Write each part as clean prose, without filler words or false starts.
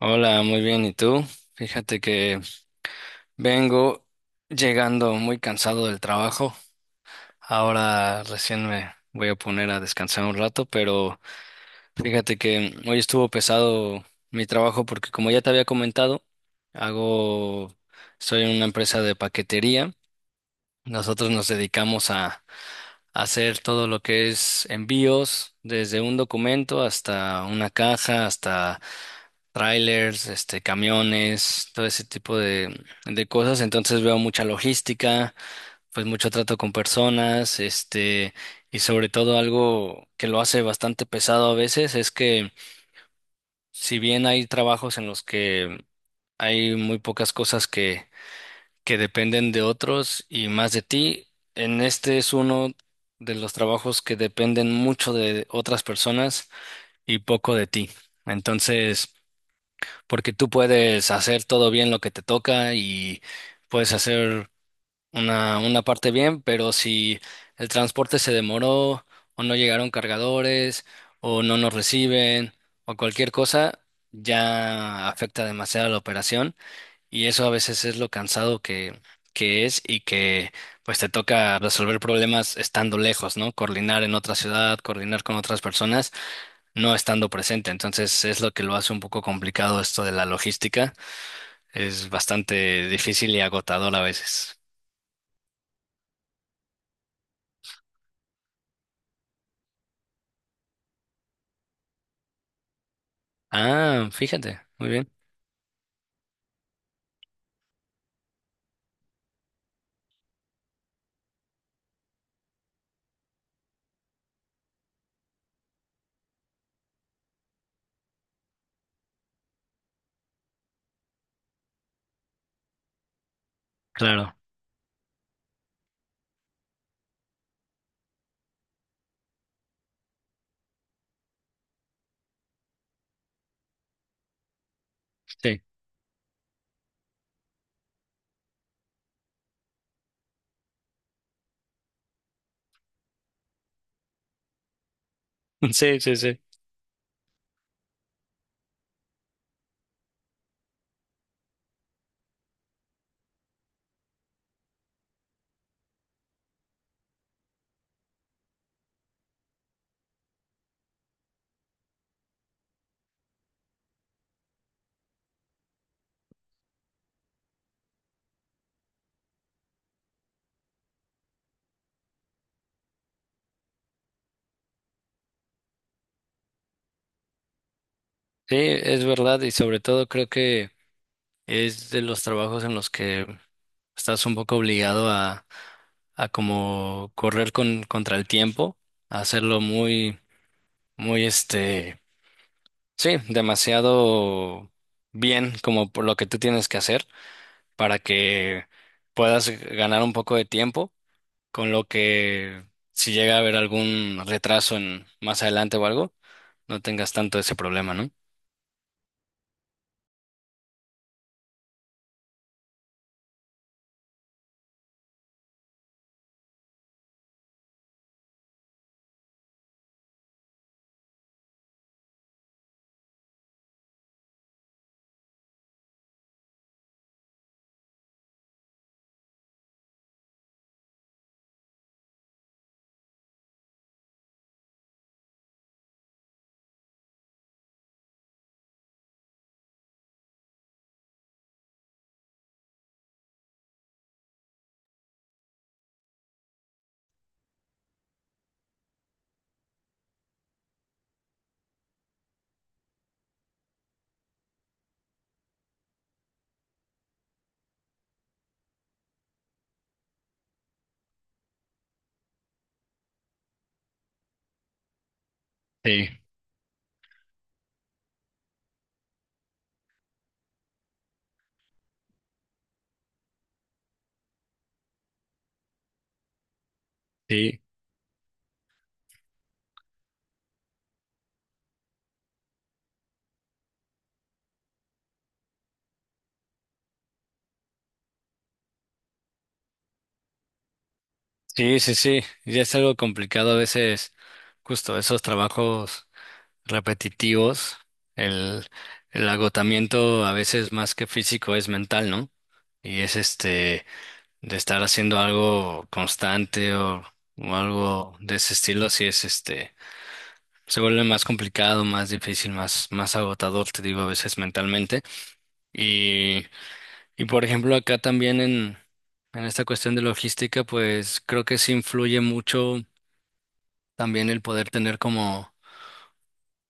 Hola, muy bien. ¿Y tú? Fíjate que vengo llegando muy cansado del trabajo. Ahora recién me voy a poner a descansar un rato, pero fíjate que hoy estuvo pesado mi trabajo porque como ya te había comentado, hago, soy en una empresa de paquetería. Nosotros nos dedicamos hacer todo lo que es envíos, desde un documento hasta una caja, hasta trailers, camiones, todo ese tipo de cosas. Entonces veo mucha logística, pues mucho trato con personas, y sobre todo algo que lo hace bastante pesado a veces es que si bien hay trabajos en los que hay muy pocas cosas que dependen de otros y más de ti. En este es uno de los trabajos que dependen mucho de otras personas y poco de ti. Entonces, porque tú puedes hacer todo bien lo que te toca y puedes hacer una parte bien, pero si el transporte se demoró o no llegaron cargadores o no nos reciben o cualquier cosa, ya afecta demasiado la operación. Y eso a veces es lo cansado que es y que pues te toca resolver problemas estando lejos, ¿no? Coordinar en otra ciudad, coordinar con otras personas, no estando presente. Entonces es lo que lo hace un poco complicado esto de la logística. Es bastante difícil y agotador a veces. Ah, fíjate, muy bien. Claro, sí. Sí, sí, sí. Sí, es verdad y sobre todo creo que es de los trabajos en los que estás un poco obligado a como correr contra el tiempo, a hacerlo muy este, sí, demasiado bien como por lo que tú tienes que hacer para que puedas ganar un poco de tiempo, con lo que si llega a haber algún retraso en más adelante o algo, no tengas tanto ese problema, ¿no? Sí, sí. Sí, sí, sí, ya es algo complicado a veces, justo esos trabajos repetitivos, el, el agotamiento a veces más que físico es mental, ¿no? Y es de estar haciendo algo constante o algo de ese estilo, sí es se vuelve más complicado, más difícil, más agotador, te digo, a veces mentalmente. Y, y por ejemplo, acá también en esta cuestión de logística, pues creo que sí influye mucho también el poder tener como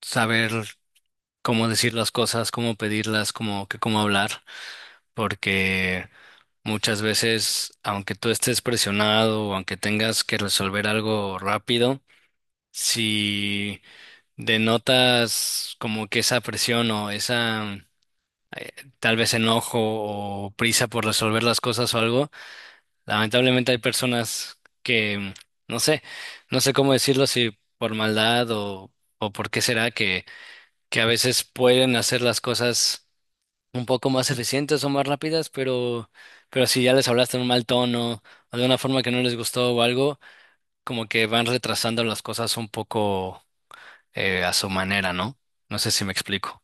saber cómo decir las cosas, cómo pedirlas, cómo hablar, porque muchas veces, aunque tú estés presionado o aunque tengas que resolver algo rápido, si denotas como que esa presión o esa eh, tal vez enojo o prisa por resolver las cosas o algo, lamentablemente hay personas que, no sé, no sé cómo decirlo, si por maldad o por qué será que a veces pueden hacer las cosas un poco más eficientes o más rápidas, pero si ya les hablaste en un mal tono o de una forma que no les gustó o algo, como que van retrasando las cosas un poco a su manera, ¿no? No sé si me explico.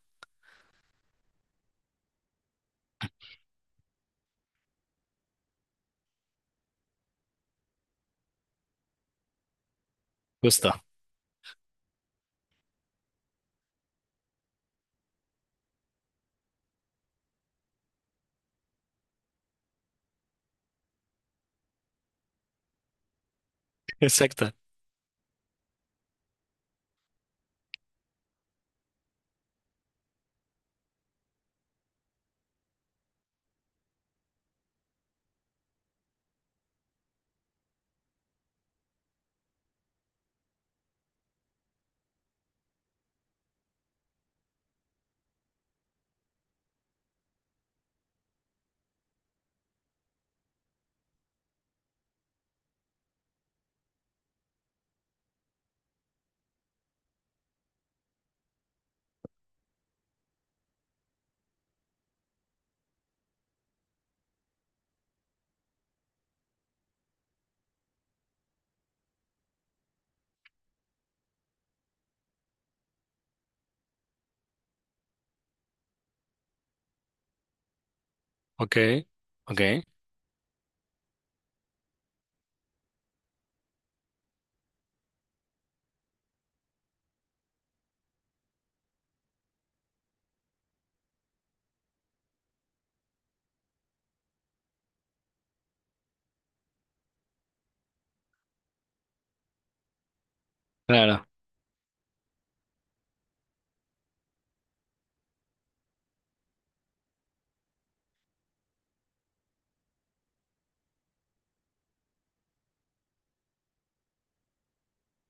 Justo. Exacto. Ok, ok. Claro,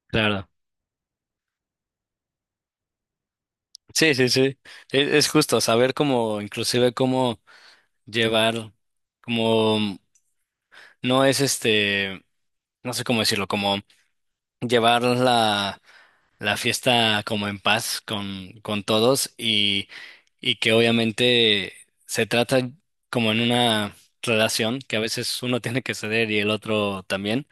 claro. Sí, sí, sí. Es justo saber cómo, inclusive cómo llevar, como no es no sé cómo decirlo, como llevar la fiesta como en paz con todos y que obviamente se trata como en una relación que a veces uno tiene que ceder y el otro también.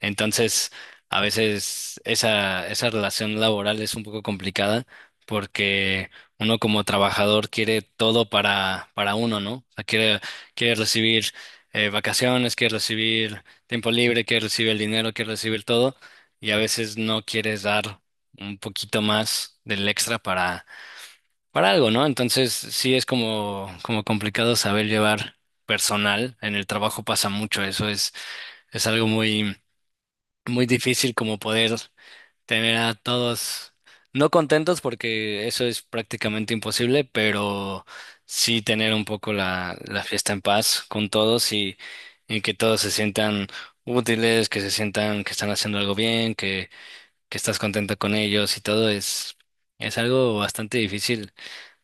Entonces, a veces esa relación laboral es un poco complicada porque uno como trabajador quiere todo para uno, ¿no? O sea, quiere, quiere recibir vacaciones, quiere recibir tiempo libre, quiere recibir el dinero, quiere recibir todo y a veces no quieres dar un poquito más del extra para algo, ¿no? Entonces, sí es como, como complicado saber llevar personal. En el trabajo pasa mucho, eso es algo muy muy difícil como poder tener a todos no contentos porque eso es prácticamente imposible, pero sí tener un poco la fiesta en paz con todos y que todos se sientan útiles, que se sientan que están haciendo algo bien, que estás contento con ellos y todo es algo bastante difícil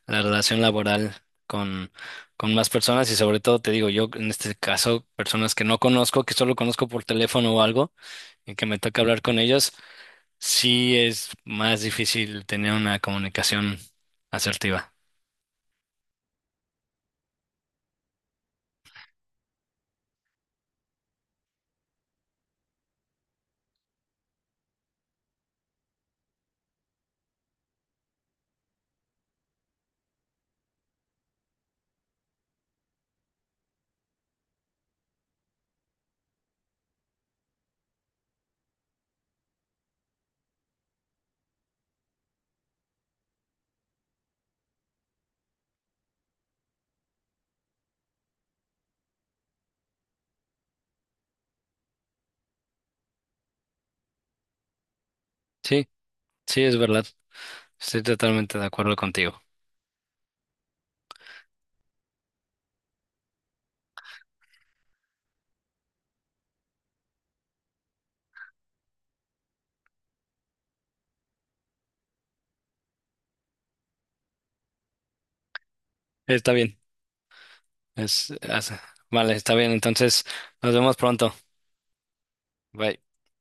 la relación laboral con, con más personas y sobre todo te digo yo en este caso personas que no conozco, que solo conozco por teléfono o algo y que me toca hablar con ellos, sí es más difícil tener una comunicación asertiva. Sí, sí, es verdad. Estoy totalmente de acuerdo contigo. Está bien. Es- vale, está bien. Entonces, nos vemos pronto. Bye.